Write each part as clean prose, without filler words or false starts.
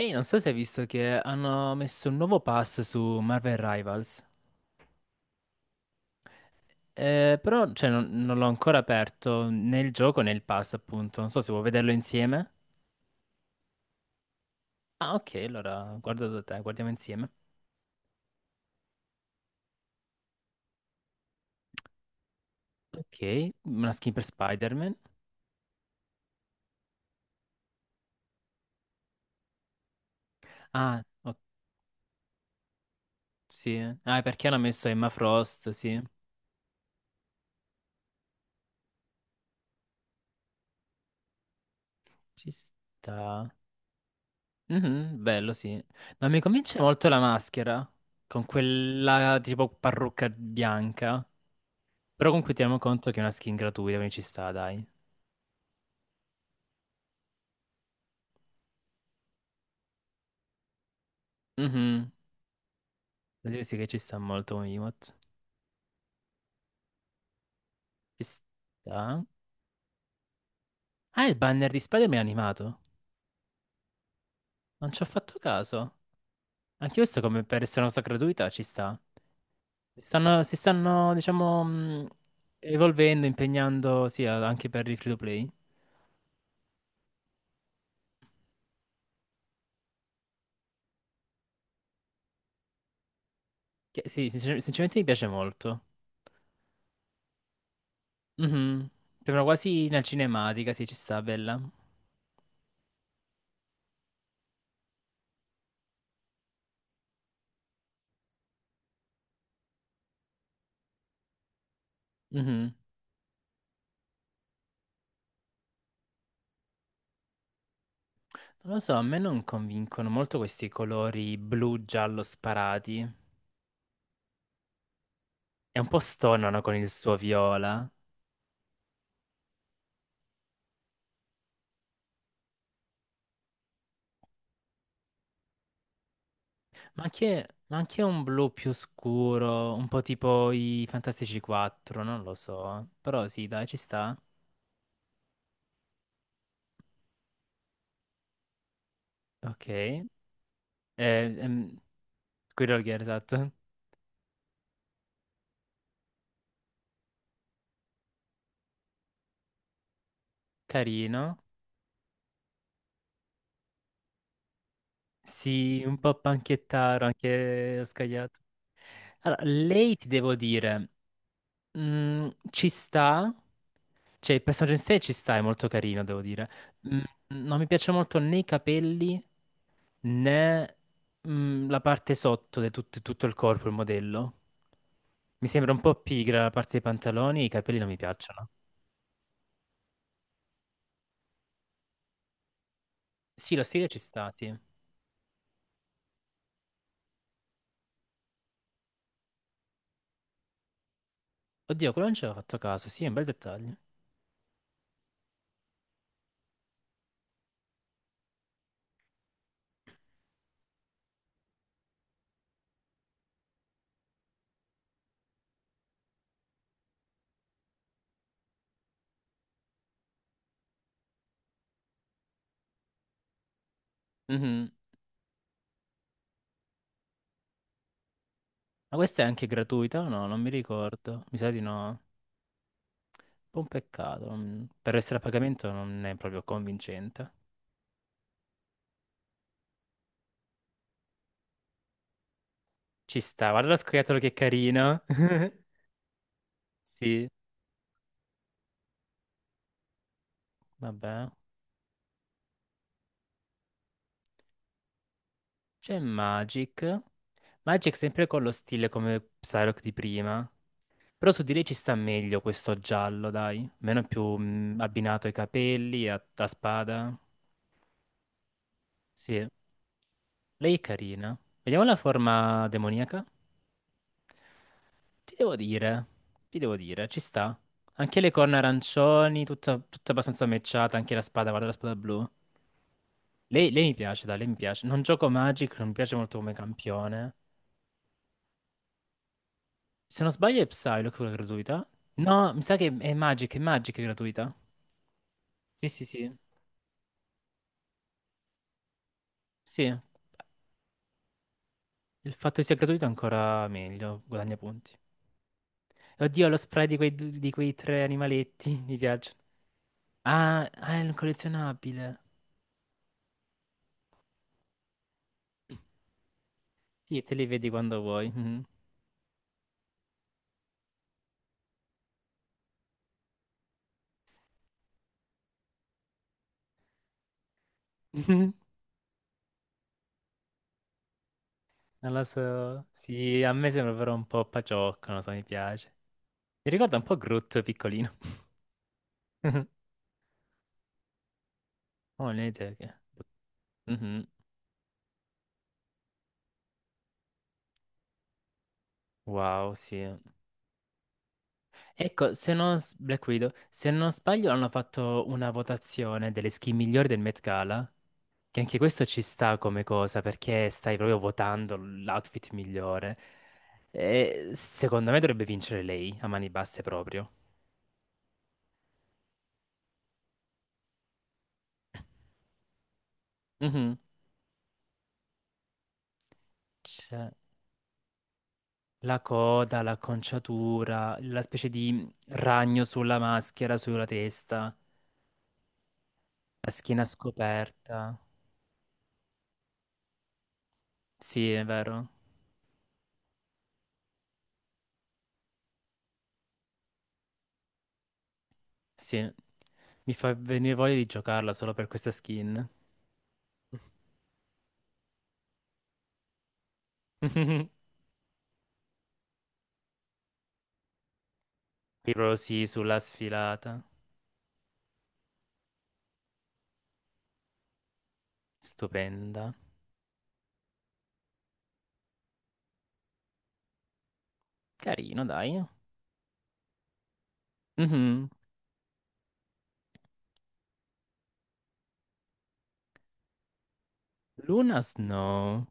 Ehi, non so se hai visto che hanno messo un nuovo pass su Marvel Rivals. Però cioè, non l'ho ancora aperto nel gioco nel pass, appunto. Non so se vuoi vederlo insieme. Ah, ok, allora guardo da te, guardiamo insieme. Ok, una skin per Spider-Man. Ah, sì. Ah, è perché hanno messo Emma Frost, sì. Ci sta. Mhm, bello, sì. Non mi convince molto la maschera, con quella tipo parrucca bianca. Però comunque teniamo conto che è una skin gratuita, quindi ci sta, dai. Mhm. Vuol dire sì che ci sta molto un emote. Ci sta. Ah, il banner di Spider-Man è animato. Non ci ho fatto caso. Anche questo come per essere una cosa gratuita ci sta. Si stanno, diciamo, evolvendo, impegnando, sì, anche per il free to play. Che, sì, sinceramente mi piace molto. Mhm. Sembra quasi una cinematica, sì, ci sta, bella. Mhm. Non lo so, a me non convincono molto questi colori blu-giallo sparati. È un po' stonano con il suo viola, ma anche un blu più scuro, un po' tipo i Fantastici 4, non lo so. Però sì, dai, ci sta. Ok. Ehm, Squirrel Girl, esatto. Carino. Sì, un po' panchettaro, anche ho scagliato. Allora, lei ti devo dire, ci sta. Cioè, il personaggio in sé ci sta, è molto carino, devo dire. Mm, non mi piace molto né i capelli né la parte sotto di tutto il corpo, il modello. Mi sembra un po' pigra la parte dei pantaloni e i capelli non mi piacciono. Sì, lo stile ci sta, sì. Oddio, quello non ci avevo fatto caso, sì, è un bel dettaglio. Mhm. Ma questa è anche gratuita o no? Non mi ricordo. Mi sa di no. Un po' un peccato. Per essere a pagamento non è proprio convincente. Ci sta, guarda lo scoiattolo che carino. Sì. Vabbè. C'è Magic. Magic sempre con lo stile come Psylocke di prima. Però su di lei ci sta meglio questo giallo, dai. Meno più abbinato ai capelli, a spada. Sì, lei è carina. Vediamo la forma demoniaca. Ti devo dire, ti devo dire, ci sta. Anche le corna arancioni, tutta abbastanza matchata, anche la spada, guarda la spada blu. Lei mi piace, dai, lei mi piace. Non gioco Magic, non mi piace molto come campione. Se non sbaglio è Psylocke quella gratuita. No, mi sa che è Magic, è gratuita. Sì, sì, sì. Sì, il fatto che sia gratuito è ancora meglio, guadagna punti. Oddio, lo spray di di quei tre animaletti, mi piace. Ah, ah, è un collezionabile. Sì, te li vedi quando vuoi. Mhm. Non lo so. Sì, a me sembra però un po' paciocco, non lo so, mi piace. Mi ricorda un po' Groot piccolino. Oh, le idee che... Mhm. Wow, sì. Ecco, se non, s- Black Widow, se non sbaglio, hanno fatto una votazione delle skin migliori del Met Gala, che anche questo ci sta come cosa, perché stai proprio votando l'outfit migliore. E secondo me dovrebbe vincere lei, a mani basse proprio. Mhm. Cioè, la coda, l'acconciatura, la specie di ragno sulla maschera, sulla testa, la schiena scoperta. Sì, è vero. Sì. Mi fa venire voglia di giocarla solo per questa skin. Pirosi sulla sfilata. Stupenda. Carino, dai. Mhm. Luna Snow.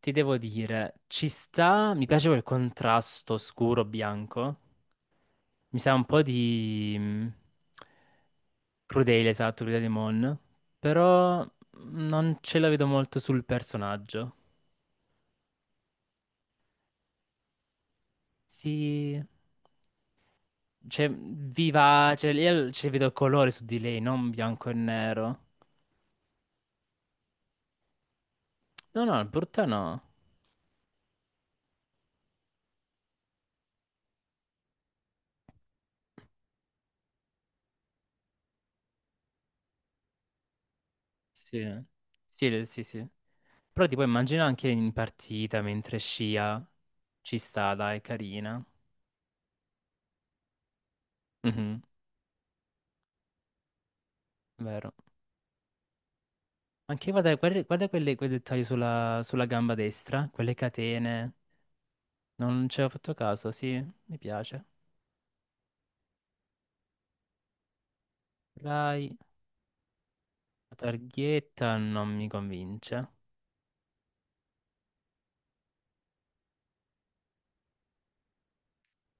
Ti devo dire, ci sta. Mi piace quel contrasto scuro-bianco. Mi sa un po' di Crudele, esatto, Crudele Mon. Però non ce la vedo molto sul personaggio. Sì. Cioè, vivace. Io ci vedo colore su di lei, non bianco e nero. No, no, brutta no. Sì, sì, sì, sì. Però ti puoi immaginare anche in partita mentre scia ci sta, dai, è carina. Mhm, vero. Anche guarda, guarda, guarda quei dettagli sulla gamba destra, quelle catene. Non ci avevo fatto caso, sì, mi piace. Rai, la targhetta non mi convince.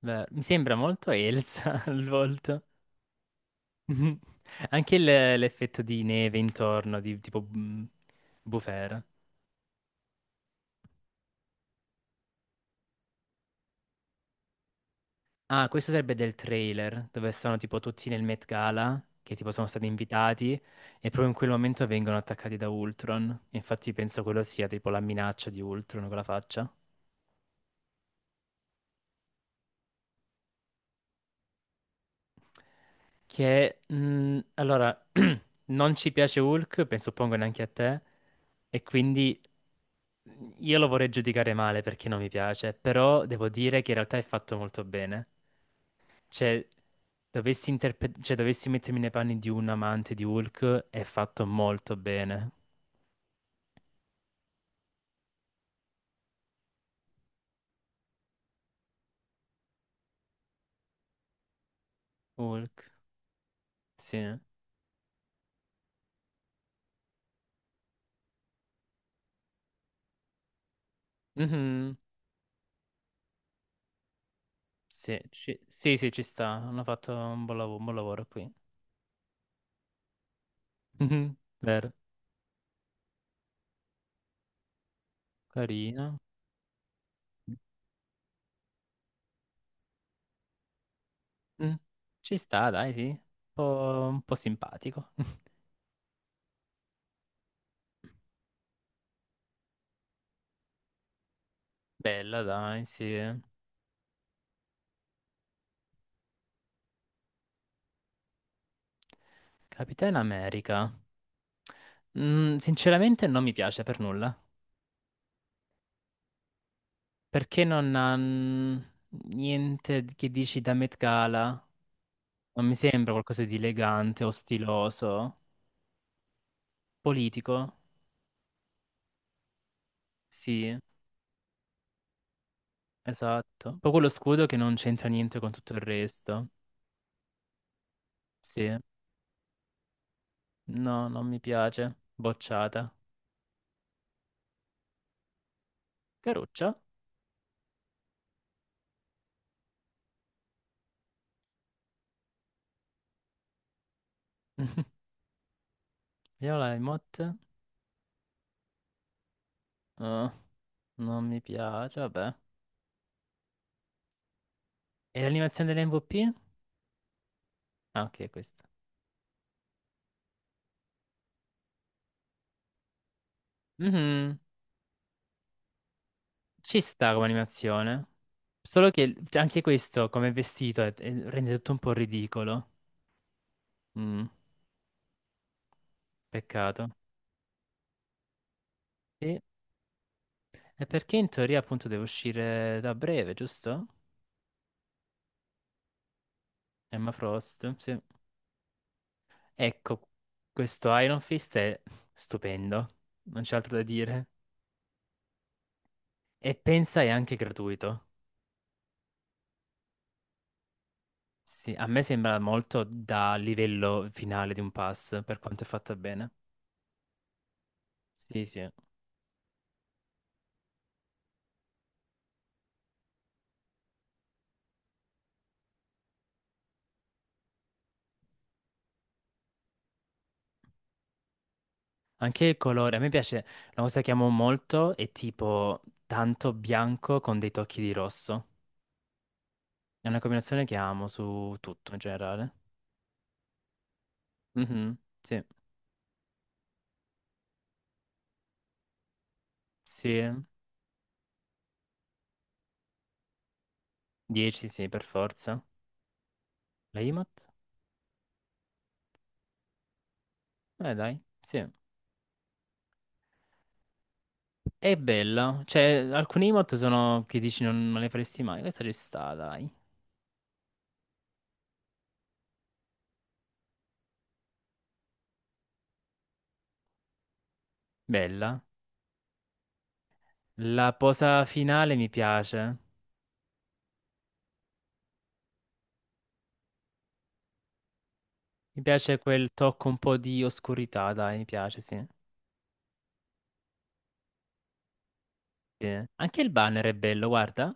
Beh, mi sembra molto Elsa al volto. Anche l'effetto di neve intorno, di tipo bufera. Ah, questo sarebbe del trailer, dove sono tipo tutti nel Met Gala, che tipo sono stati invitati, e proprio in quel momento vengono attaccati da Ultron. Infatti penso quello sia tipo la minaccia di Ultron con la faccia. Che, allora, non ci piace Hulk, penso suppongo neanche a te, e quindi io lo vorrei giudicare male perché non mi piace, però devo dire che in realtà è fatto molto bene. Cioè, dovessi mettermi nei panni di un amante di Hulk, è fatto molto bene. Hulk, sì. Mhm, sì, sì, sì, ci sta, hanno fatto un buon un buon lavoro, qui. Mhm, vero, carino. Mm, Ci sta, dai, sì. Un po' simpatico. Bella, dai, sì. Capitan America. Sinceramente non mi piace per nulla. Perché non ha niente che dici da Met Gala? Non mi sembra qualcosa di elegante o stiloso. Politico? Sì, esatto. Poi quello scudo che non c'entra niente con tutto il resto. Sì. No, non mi piace. Bocciata. Caruccia. Viola Emot. Ah, non mi piace, vabbè. E l'animazione dell'MVP? Ah, ok, questa. Mhm, ci sta come animazione. Solo che cioè, anche questo come vestito rende tutto un po' ridicolo. Mm, peccato. Sì. E perché in teoria appunto deve uscire da breve, giusto? Emma Frost, sì. Ecco, questo Iron Fist è stupendo, non c'è altro da dire. E pensa è anche gratuito. Sì, a me sembra molto da livello finale di un pass, per quanto è fatta bene. Sì, sì. Anche il colore, a me piace, la cosa che amo molto è tipo tanto bianco con dei tocchi di rosso. È una combinazione che amo su tutto in generale. Mhm, sì, sì. 10, sì, per forza. La emote? Dai, sì. È bella, cioè alcuni emote sono che dici non le faresti mai, questa ci sta, dai. Bella. La posa finale mi piace. Mi piace quel tocco un po' di oscurità, dai, mi piace, sì. Sì. Anche il banner è bello, guarda.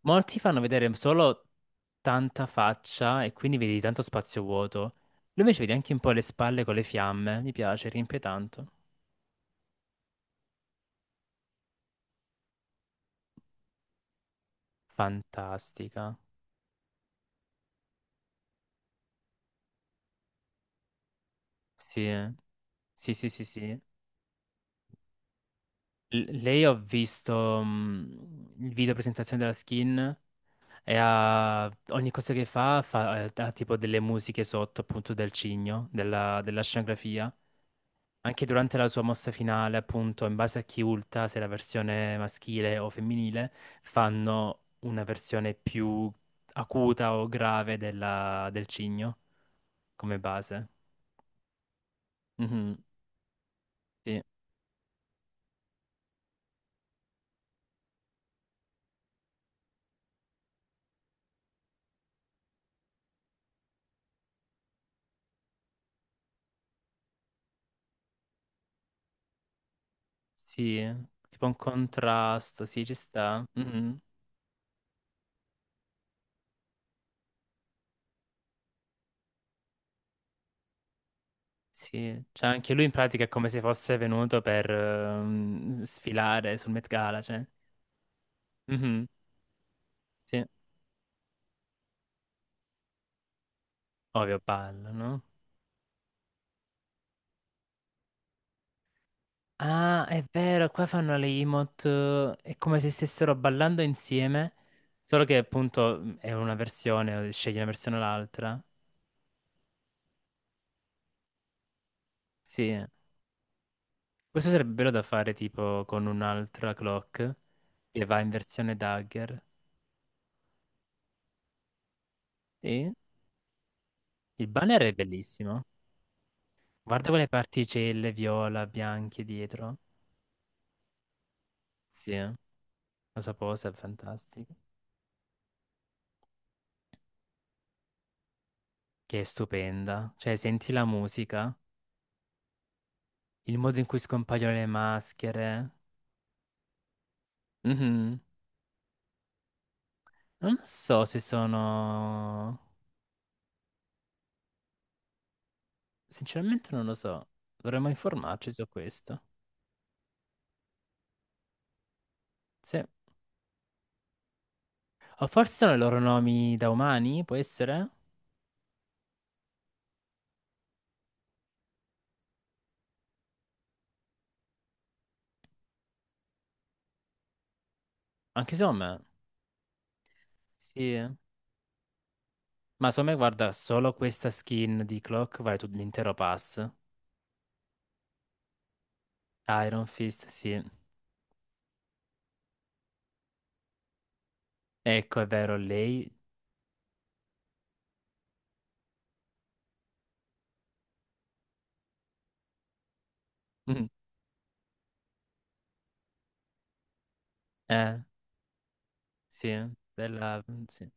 Molti fanno vedere solo tanta faccia e quindi vedi tanto spazio vuoto. Lui invece vedi anche un po' le spalle con le fiamme, mi piace, riempie tanto. Fantastica. Sì, sì, sì, sì, sì. Lei ho visto il video presentazione della skin e ha, ogni cosa che fa, fa ha tipo delle musiche sotto appunto del cigno, della scenografia. Anche durante la sua mossa finale, appunto, in base a chi ulta, se la versione maschile o femminile, fanno una versione più acuta o grave del cigno come base. Mhm, sì, sì, tipo un contrasto, sì, ci sta. Mhm, sì, cioè anche lui in pratica è come se fosse venuto per sfilare sul Met Gala, cioè. Mhm, sì, ovvio, ballo, no? Ah, è vero, qua fanno le emote, è come se stessero ballando insieme, solo che appunto è una versione, scegli una versione o l'altra. Sì, questo sarebbe bello da fare tipo con un'altra clock che va in versione dagger. Sì, il banner è bellissimo. Guarda quelle particelle viola, bianche dietro. Sì, lo saposa è fantastica. Che è stupenda. Cioè, senti la musica, il modo in cui scompaiono le maschere. Mhm. Non so se sono... Sinceramente non lo so. Dovremmo informarci su questo. Sì. O forse sono i loro nomi da umani, può essere? Anche Somme. Sì. Ma Somme, guarda, solo questa skin di Clock vale tutto l'intero pass. Iron Fist, sì. Ecco, è vero, lei... Mm. Eh, sì. Bella... Sì.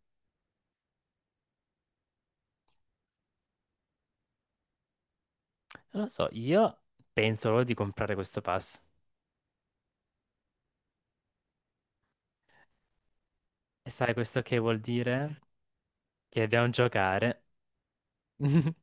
Non lo so, io penso solo di comprare questo pass. E sai questo che vuol dire? Che dobbiamo giocare.